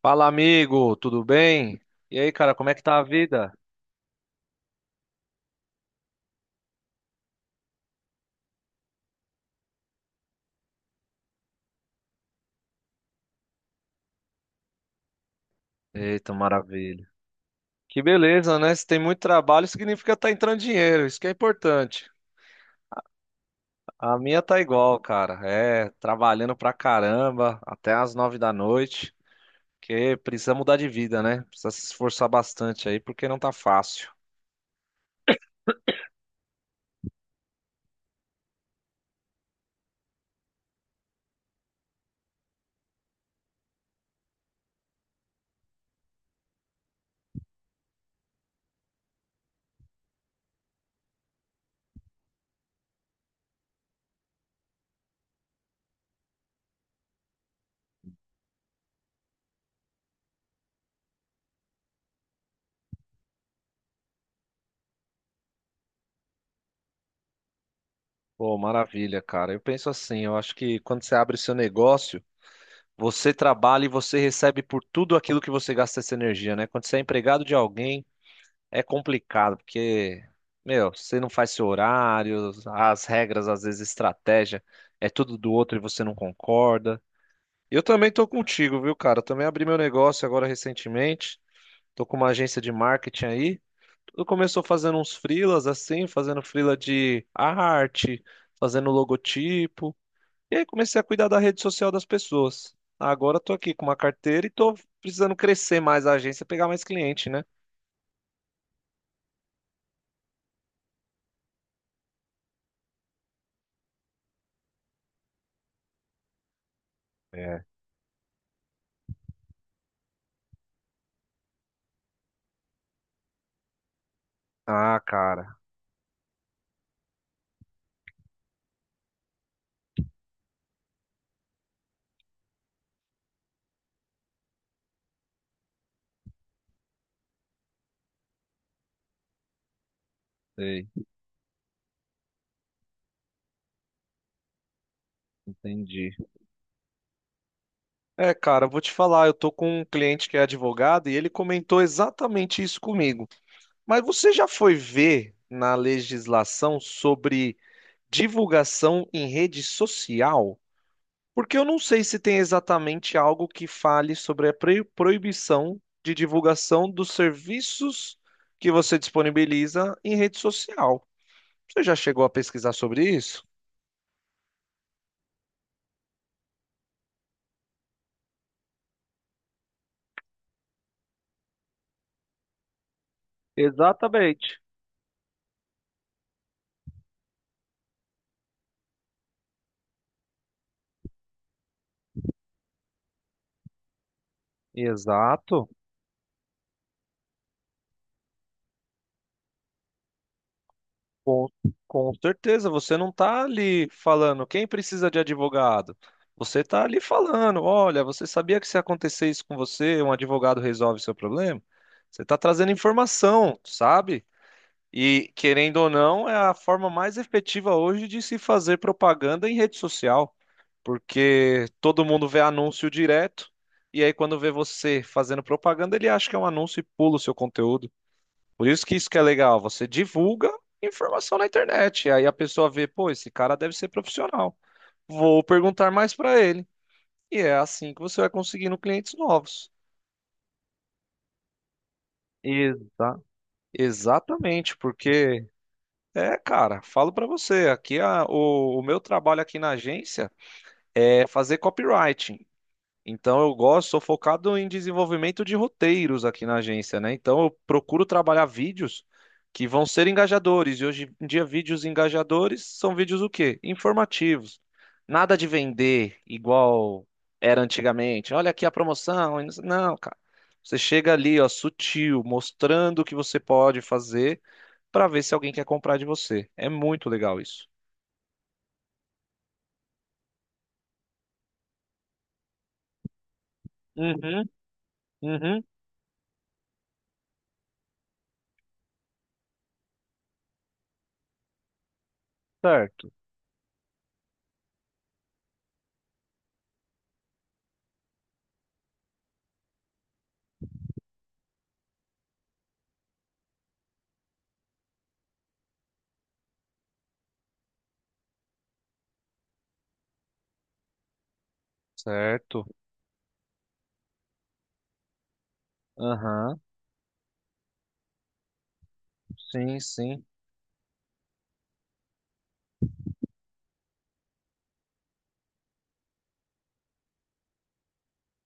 Fala, amigo, tudo bem? E aí, cara, como é que tá a vida? Eita, maravilha. Que beleza, né? Se tem muito trabalho, significa tá entrando dinheiro, isso que é importante. A minha tá igual, cara. É, trabalhando pra caramba, até às nove da noite, que precisa mudar de vida, né? Precisa se esforçar bastante aí, porque não tá fácil. Pô, maravilha, cara. Eu penso assim, eu acho que quando você abre o seu negócio, você trabalha e você recebe por tudo aquilo que você gasta essa energia, né? Quando você é empregado de alguém, é complicado, porque, meu, você não faz seu horário, as regras, às vezes, estratégia, é tudo do outro e você não concorda. Eu também tô contigo, viu, cara? Eu também abri meu negócio agora recentemente. Tô com uma agência de marketing aí. Tudo começou fazendo uns freelas assim, fazendo freela de arte, fazendo logotipo. E aí comecei a cuidar da rede social das pessoas. Agora tô aqui com uma carteira e tô precisando crescer mais a agência, pegar mais cliente, né? É. Ah, cara. Sei. Entendi. É, cara, eu vou te falar, eu tô com um cliente que é advogado e ele comentou exatamente isso comigo. Mas você já foi ver na legislação sobre divulgação em rede social? Porque eu não sei se tem exatamente algo que fale sobre a proibição de divulgação dos serviços que você disponibiliza em rede social. Você já chegou a pesquisar sobre isso? Exatamente. Exato. Com, com certeza, você não está ali falando quem precisa de advogado. Você está ali falando, olha, você sabia que se acontecer isso com você, um advogado resolve seu problema? Você está trazendo informação, sabe? E querendo ou não, é a forma mais efetiva hoje de se fazer propaganda em rede social, porque todo mundo vê anúncio direto, e aí quando vê você fazendo propaganda, ele acha que é um anúncio e pula o seu conteúdo. Por isso que é legal, você divulga informação na internet, e aí a pessoa vê, pô, esse cara deve ser profissional. Vou perguntar mais para ele. E é assim que você vai conseguindo clientes novos. Exato. Exatamente, porque é, cara, falo para você, aqui o meu trabalho aqui na agência é fazer copywriting. Então eu gosto, sou focado em desenvolvimento de roteiros aqui na agência, né? Então eu procuro trabalhar vídeos que vão ser engajadores. E hoje em dia, vídeos engajadores são vídeos o quê? Informativos. Nada de vender igual era antigamente. Olha aqui a promoção. Não, não, cara. Você chega ali, ó, sutil, mostrando o que você pode fazer para ver se alguém quer comprar de você. É muito legal isso. Uhum, uhum, certo, certo. Aham, sim, sim.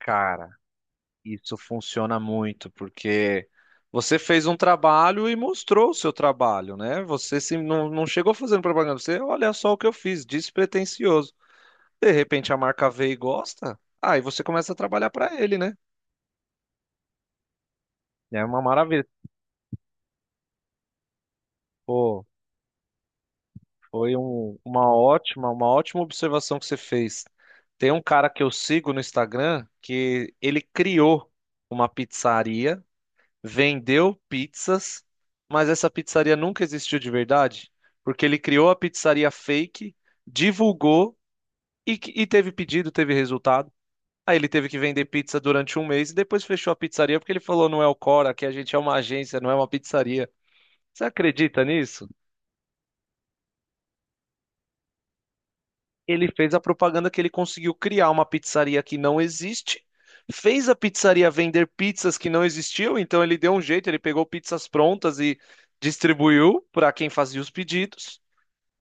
Cara, isso funciona muito, porque você fez um trabalho e mostrou o seu trabalho, né? Você se, não, não chegou fazendo propaganda, você, olha só o que eu fiz, despretensioso. De repente a marca vê e gosta, aí você começa a trabalhar para ele, né? É uma maravilha. Pô, foi uma uma ótima observação que você fez. Tem um cara que eu sigo no Instagram que ele criou uma pizzaria vendeu pizzas, mas essa pizzaria nunca existiu de verdade, porque ele criou a pizzaria fake, divulgou e, e teve pedido, teve resultado. Aí ele teve que vender pizza durante um mês e depois fechou a pizzaria porque ele falou, não é o Cora, que a gente é uma agência, não é uma pizzaria. Você acredita nisso? Ele fez a propaganda que ele conseguiu criar uma pizzaria que não existe, fez a pizzaria vender pizzas que não existiam, então ele deu um jeito, ele pegou pizzas prontas e distribuiu para quem fazia os pedidos.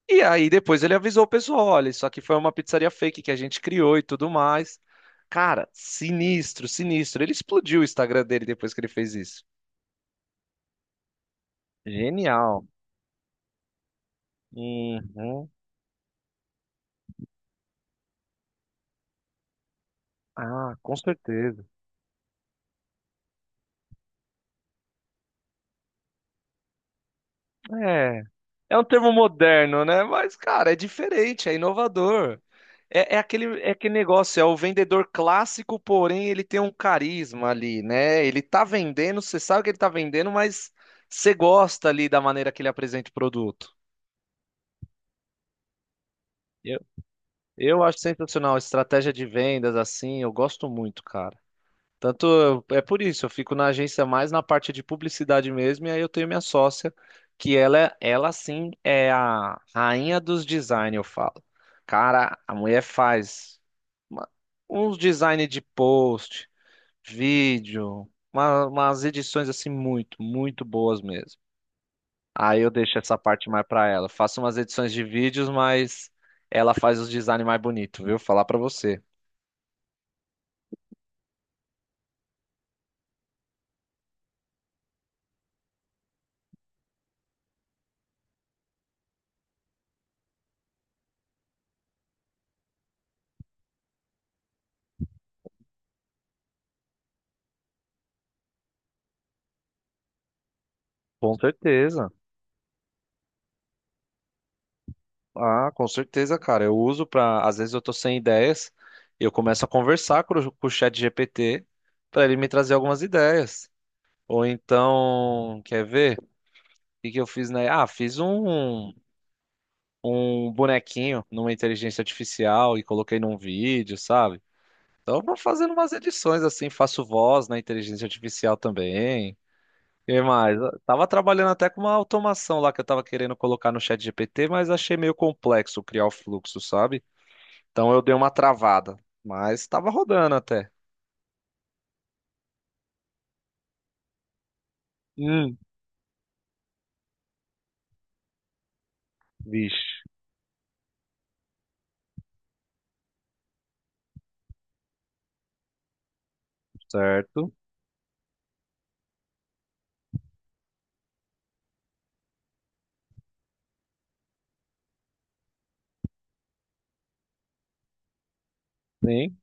E aí depois ele avisou o pessoal, olha, isso aqui foi uma pizzaria fake que a gente criou e tudo mais. Cara, sinistro, sinistro. Ele explodiu o Instagram dele depois que ele fez isso. Genial. Uhum. Ah, com certeza. É, é um termo moderno, né? Mas, cara, é diferente, é inovador. É aquele negócio, é o vendedor clássico, porém ele tem um carisma ali, né? Ele tá vendendo, você sabe que ele tá vendendo, mas você gosta ali da maneira que ele apresenta o produto. Eu acho sensacional, estratégia de vendas assim, eu gosto muito, cara. Tanto é por isso, eu fico na agência mais na parte de publicidade mesmo, e aí eu tenho minha sócia, que ela, ela sim é a rainha dos design, eu falo. Cara, a mulher faz uma- uns design de post, vídeo, umas edições assim muito boas mesmo. Aí eu deixo essa parte mais pra ela. Faço umas edições de vídeos, mas ela faz os designs mais bonitos, viu? Falar pra você. Com certeza. Ah, com certeza, cara. Eu uso pra. Às vezes eu tô sem ideias, eu começo a conversar com o chat GPT pra ele me trazer algumas ideias. Ou então, quer ver? O que que eu fiz, né? Ah, fiz um bonequinho numa inteligência artificial e coloquei num vídeo, sabe? Então, eu vou fazendo umas edições assim, faço voz na inteligência artificial também. Que mais? Eu tava trabalhando até com uma automação lá que eu tava querendo colocar no chat GPT, mas achei meio complexo criar o fluxo, sabe? Então eu dei uma travada, mas tava rodando até. Hum, vixe, certo? Sim.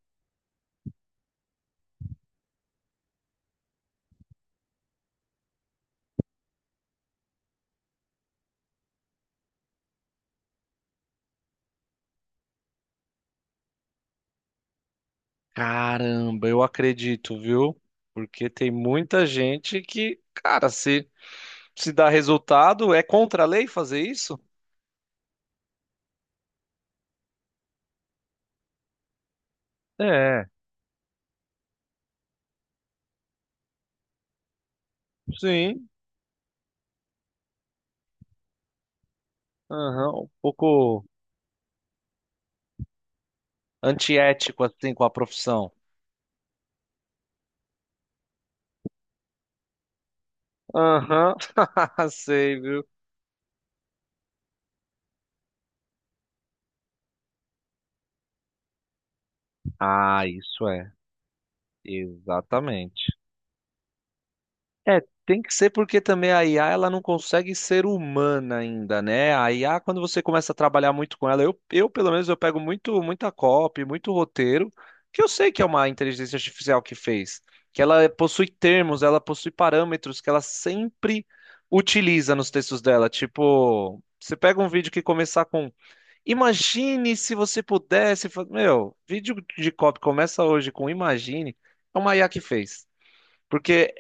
Caramba, eu acredito, viu? Porque tem muita gente que, cara, se dá resultado, é contra a lei fazer isso? É, sim. Aham, um pouco antiético assim com a profissão. Aham, sei, viu? Ah, isso é, exatamente. É, tem que ser porque também a IA ela não consegue ser humana ainda, né? A IA, quando você começa a trabalhar muito com ela, eu pelo menos eu pego muito muita copy, muito roteiro, que eu sei que é uma inteligência artificial que fez, que ela possui termos, ela possui parâmetros que ela sempre utiliza nos textos dela. Tipo, você pega um vídeo que começar com Imagine se você pudesse. Meu, vídeo de cop começa hoje com Imagine. É o Maiá que fez. Porque,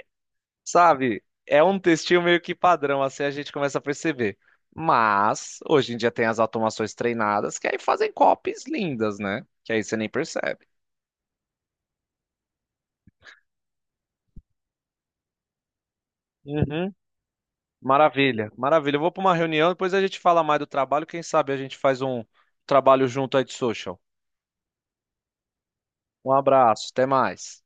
sabe, é um textinho meio que padrão, assim a gente começa a perceber. Mas, hoje em dia tem as automações treinadas que aí fazem copies lindas, né? Que aí você nem percebe. Uhum. Maravilha, maravilha. Eu vou para uma reunião, depois a gente fala mais do trabalho. Quem sabe a gente faz um trabalho junto aí de social. Um abraço, até mais.